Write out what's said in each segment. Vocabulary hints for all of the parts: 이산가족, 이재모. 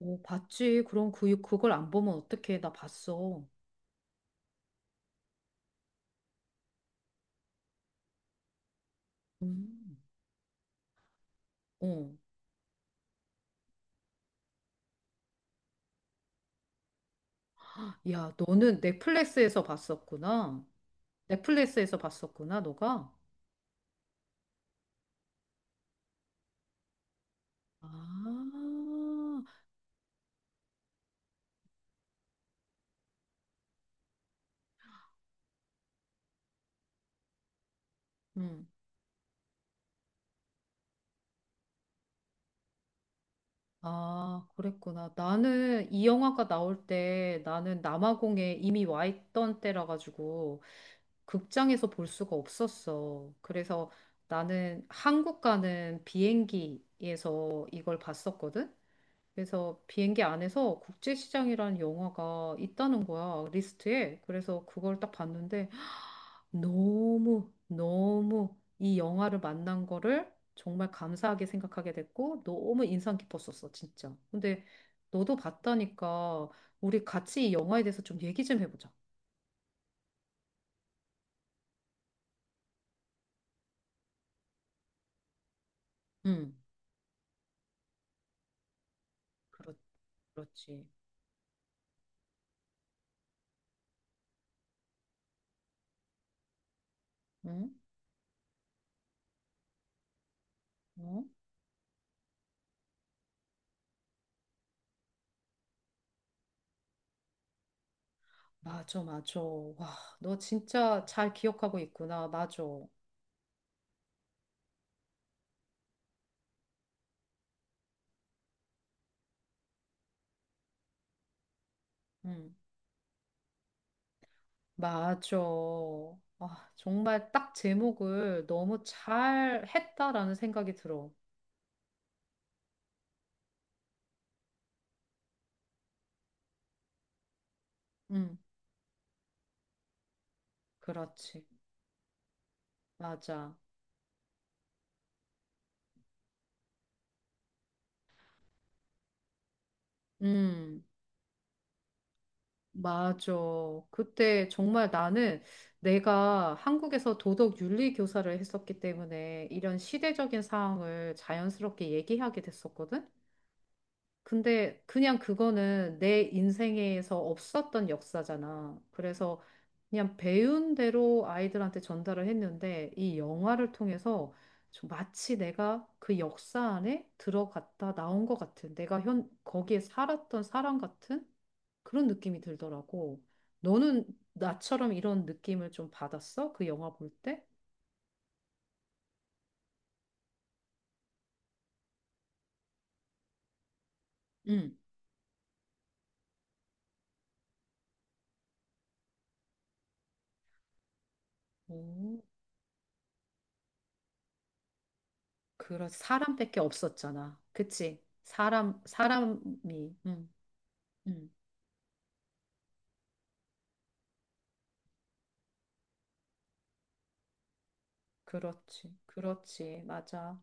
어, 봤지. 그럼 그걸 안 보면 어떡해. 나 봤어. 음. 어. 야, 너는 넷플릭스에서 봤었구나. 넷플릭스에서 봤었구나, 너가. 아, 음. 아, 그랬구나. 나는 이 영화가 나올 때 나는 남아공에 이미 와 있던 때라 가지고 극장에서 볼 수가 없었어. 그래서 나는 한국 가는 비행기에서 이걸 봤었거든. 그래서 비행기 안에서 국제시장이라는 영화가 있다는 거야, 리스트에. 그래서 그걸 딱 봤는데, 너무, 너무 이 영화를 만난 거를 정말 감사하게 생각하게 됐고, 너무 인상 깊었었어, 진짜. 근데 너도 봤다니까, 우리 같이 이 영화에 대해서 좀 얘기 좀 해보자. 응, 그렇, 그렇지. 응, 응. 맞아, 맞아. 와, 너 진짜 잘 기억하고 있구나. 맞아. 응. 맞아. 아, 정말 딱 제목을 너무 잘 했다라는 생각이 들어. 응, 그렇지. 맞아. 음, 맞아. 그때 정말 나는 내가 한국에서 도덕 윤리 교사를 했었기 때문에 이런 시대적인 사항을 자연스럽게 얘기하게 됐었거든. 근데 그냥 그거는 내 인생에서 없었던 역사잖아. 그래서 그냥 배운 대로 아이들한테 전달을 했는데 이 영화를 통해서 좀 마치 내가 그 역사 안에 들어갔다 나온 것 같은 내가 현 거기에 살았던 사람 같은 그런 느낌이 들더라고. 너는 나처럼 이런 느낌을 좀 받았어? 그 영화 볼 때? 응. 오, 그런 사람밖에 없었잖아. 그치? 사람이. 응. 응. 그렇지, 그렇지, 맞아.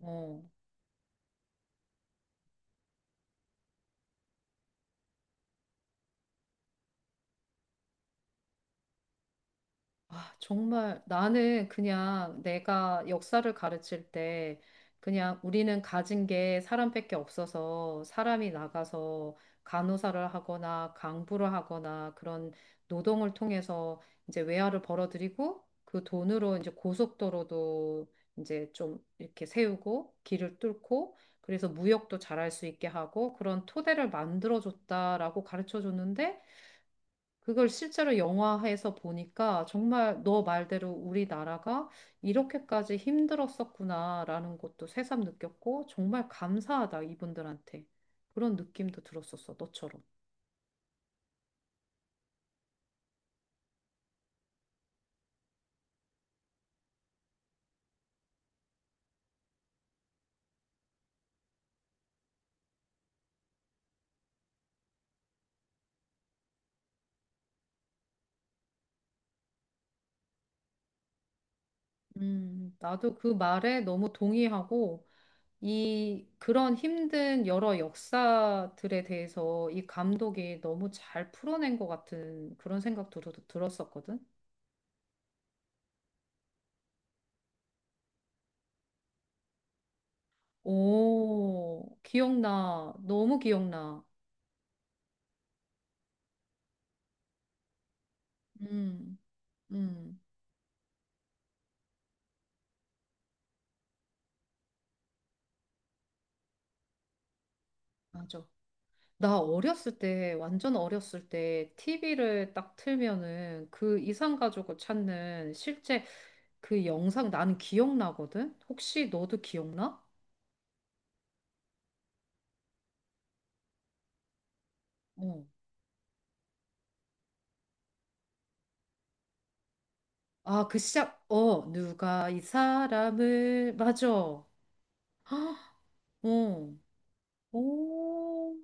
어. 아, 정말 나는 그냥 내가 역사를 가르칠 때 그냥 우리는 가진 게 사람밖에 없어서 사람이 나가서 간호사를 하거나 강부를 하거나 그런 노동을 통해서 이제 외화를 벌어들이고 그 돈으로 이제 고속도로도 이제 좀 이렇게 세우고 길을 뚫고 그래서 무역도 잘할 수 있게 하고 그런 토대를 만들어줬다라고 가르쳐 줬는데 그걸 실제로 영화에서 보니까 정말 너 말대로 우리나라가 이렇게까지 힘들었었구나라는 것도 새삼 느꼈고 정말 감사하다 이분들한테 그런 느낌도 들었었어 너처럼. 나도 그 말에 너무 동의하고 이 그런 힘든 여러 역사들에 대해서 이 감독이 너무 잘 풀어낸 것 같은 그런 생각도 들었었거든. 오, 기억나. 너무 기억나. 음, 음. 맞아. 나 어렸을 때, 완전 어렸을 때, TV를 딱 틀면은 그 이상가족을 찾는 실제 그 영상 나는 기억나거든? 혹시 너도 기억나? 어. 아, 그 시작, 어, 누가 이 사람을, 맞아. 어. 오,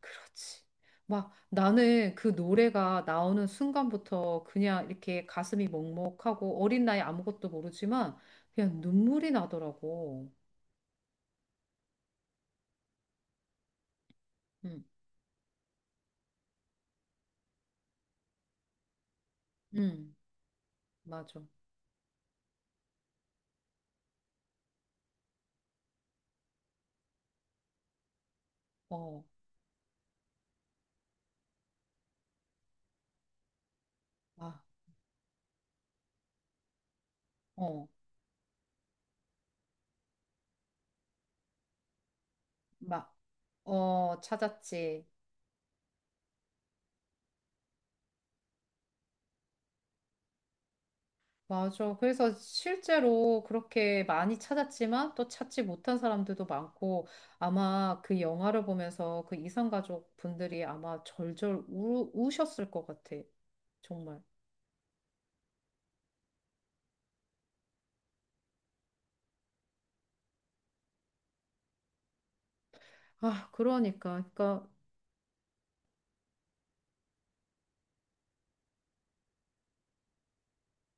그렇지. 막 나는 그 노래가 나오는 순간부터 그냥 이렇게 가슴이 먹먹하고 어린 나이 아무것도 모르지만 그냥 눈물이 나더라고. 응, 응, 맞아. 어, 아, 어, 막, 어, 찾았지. 맞아. 그래서 실제로 그렇게 많이 찾았지만 또 찾지 못한 사람들도 많고 아마 그 영화를 보면서 그 이산가족 분들이 아마 절절 우셨을 것 같아. 정말. 아, 그러니까,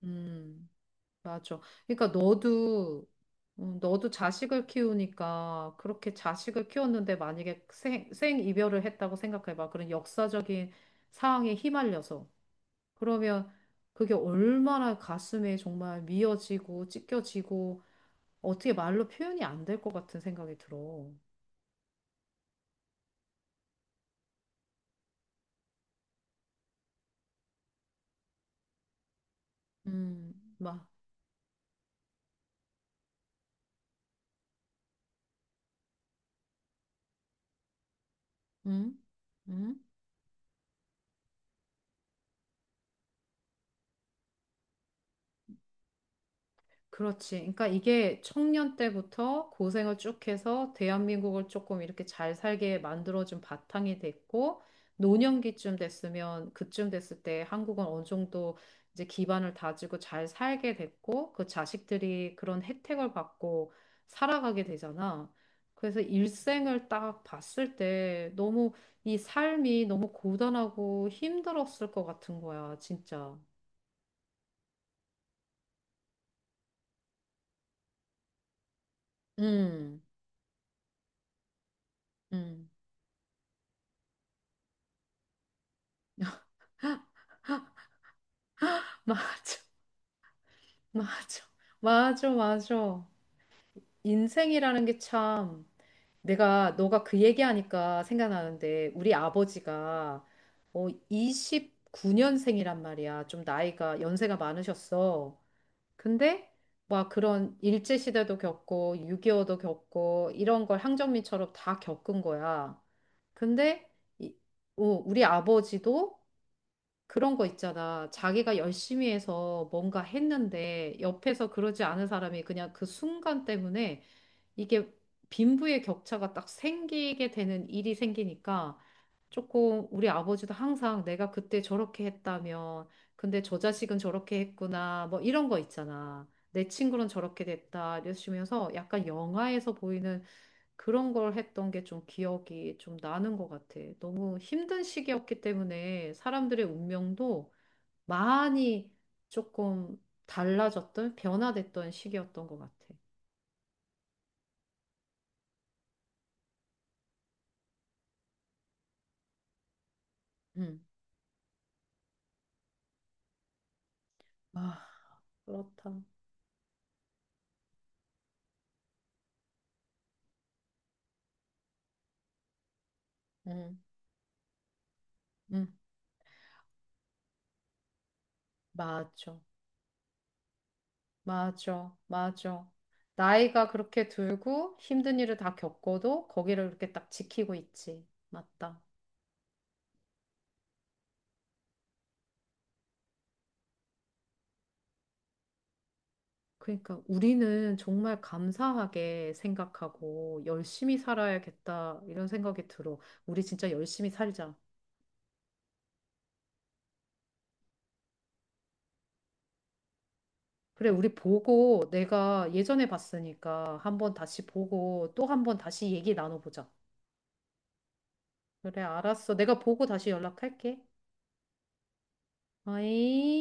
음, 맞아. 그러니까 너도 자식을 키우니까 그렇게 자식을 키웠는데 만약에 생 이별을 했다고 생각해봐. 그런 역사적인 상황에 휘말려서. 그러면 그게 얼마나 가슴에 정말 미어지고 찢겨지고 어떻게 말로 표현이 안 될 것 같은 생각이 들어. 막, 음, 음. 그렇지. 그러니까 이게 청년 때부터 고생을 쭉 해서 대한민국을 조금 이렇게 잘 살게 만들어준 바탕이 됐고, 노년기쯤 됐으면, 그쯤 됐을 때 한국은 어느 정도 이제 기반을 다지고 잘 살게 됐고, 그 자식들이 그런 혜택을 받고 살아가게 되잖아. 그래서 일생을 딱 봤을 때 너무 이 삶이 너무 고단하고 힘들었을 것 같은 거야, 진짜. 음, 음. 맞아. 맞아. 맞아, 맞아. 인생이라는 게 참, 내가, 너가 그 얘기하니까 생각나는데, 우리 아버지가, 29년생이란 말이야. 좀 나이가, 연세가 많으셨어. 근데, 막 그런 일제시대도 겪고, 6.25도 겪고, 이런 걸 항정민처럼 다 겪은 거야. 근데, 이- 우리 아버지도 그런 거 있잖아. 자기가 열심히 해서 뭔가 했는데 옆에서 그러지 않은 사람이 그냥 그 순간 때문에 이게 빈부의 격차가 딱 생기게 되는 일이 생기니까 조금 우리 아버지도 항상 내가 그때 저렇게 했다면 근데 저 자식은 저렇게 했구나 뭐 이런 거 있잖아. 내 친구는 저렇게 됐다 이러시면서 약간 영화에서 보이는 그런 걸 했던 게 좀 기억이 좀 나는 것 같아. 너무 힘든 시기였기 때문에 사람들의 운명도 많이 조금 달라졌던, 변화됐던 시기였던 것 같아. 음. 아, 그렇다. 음, 음, 맞아. 맞아. 맞아. 나이가 그렇게 들고 힘든 일을 다 겪어도 거기를 이렇게 딱 지키고 있지. 맞다. 그러니까 우리는 정말 감사하게 생각하고 열심히 살아야겠다 이런 생각이 들어. 우리 진짜 열심히 살자. 그래, 우리 보고 내가 예전에 봤으니까 한번 다시 보고 또 한번 다시 얘기 나눠보자. 그래, 알았어. 내가 보고 다시 연락할게. 어이?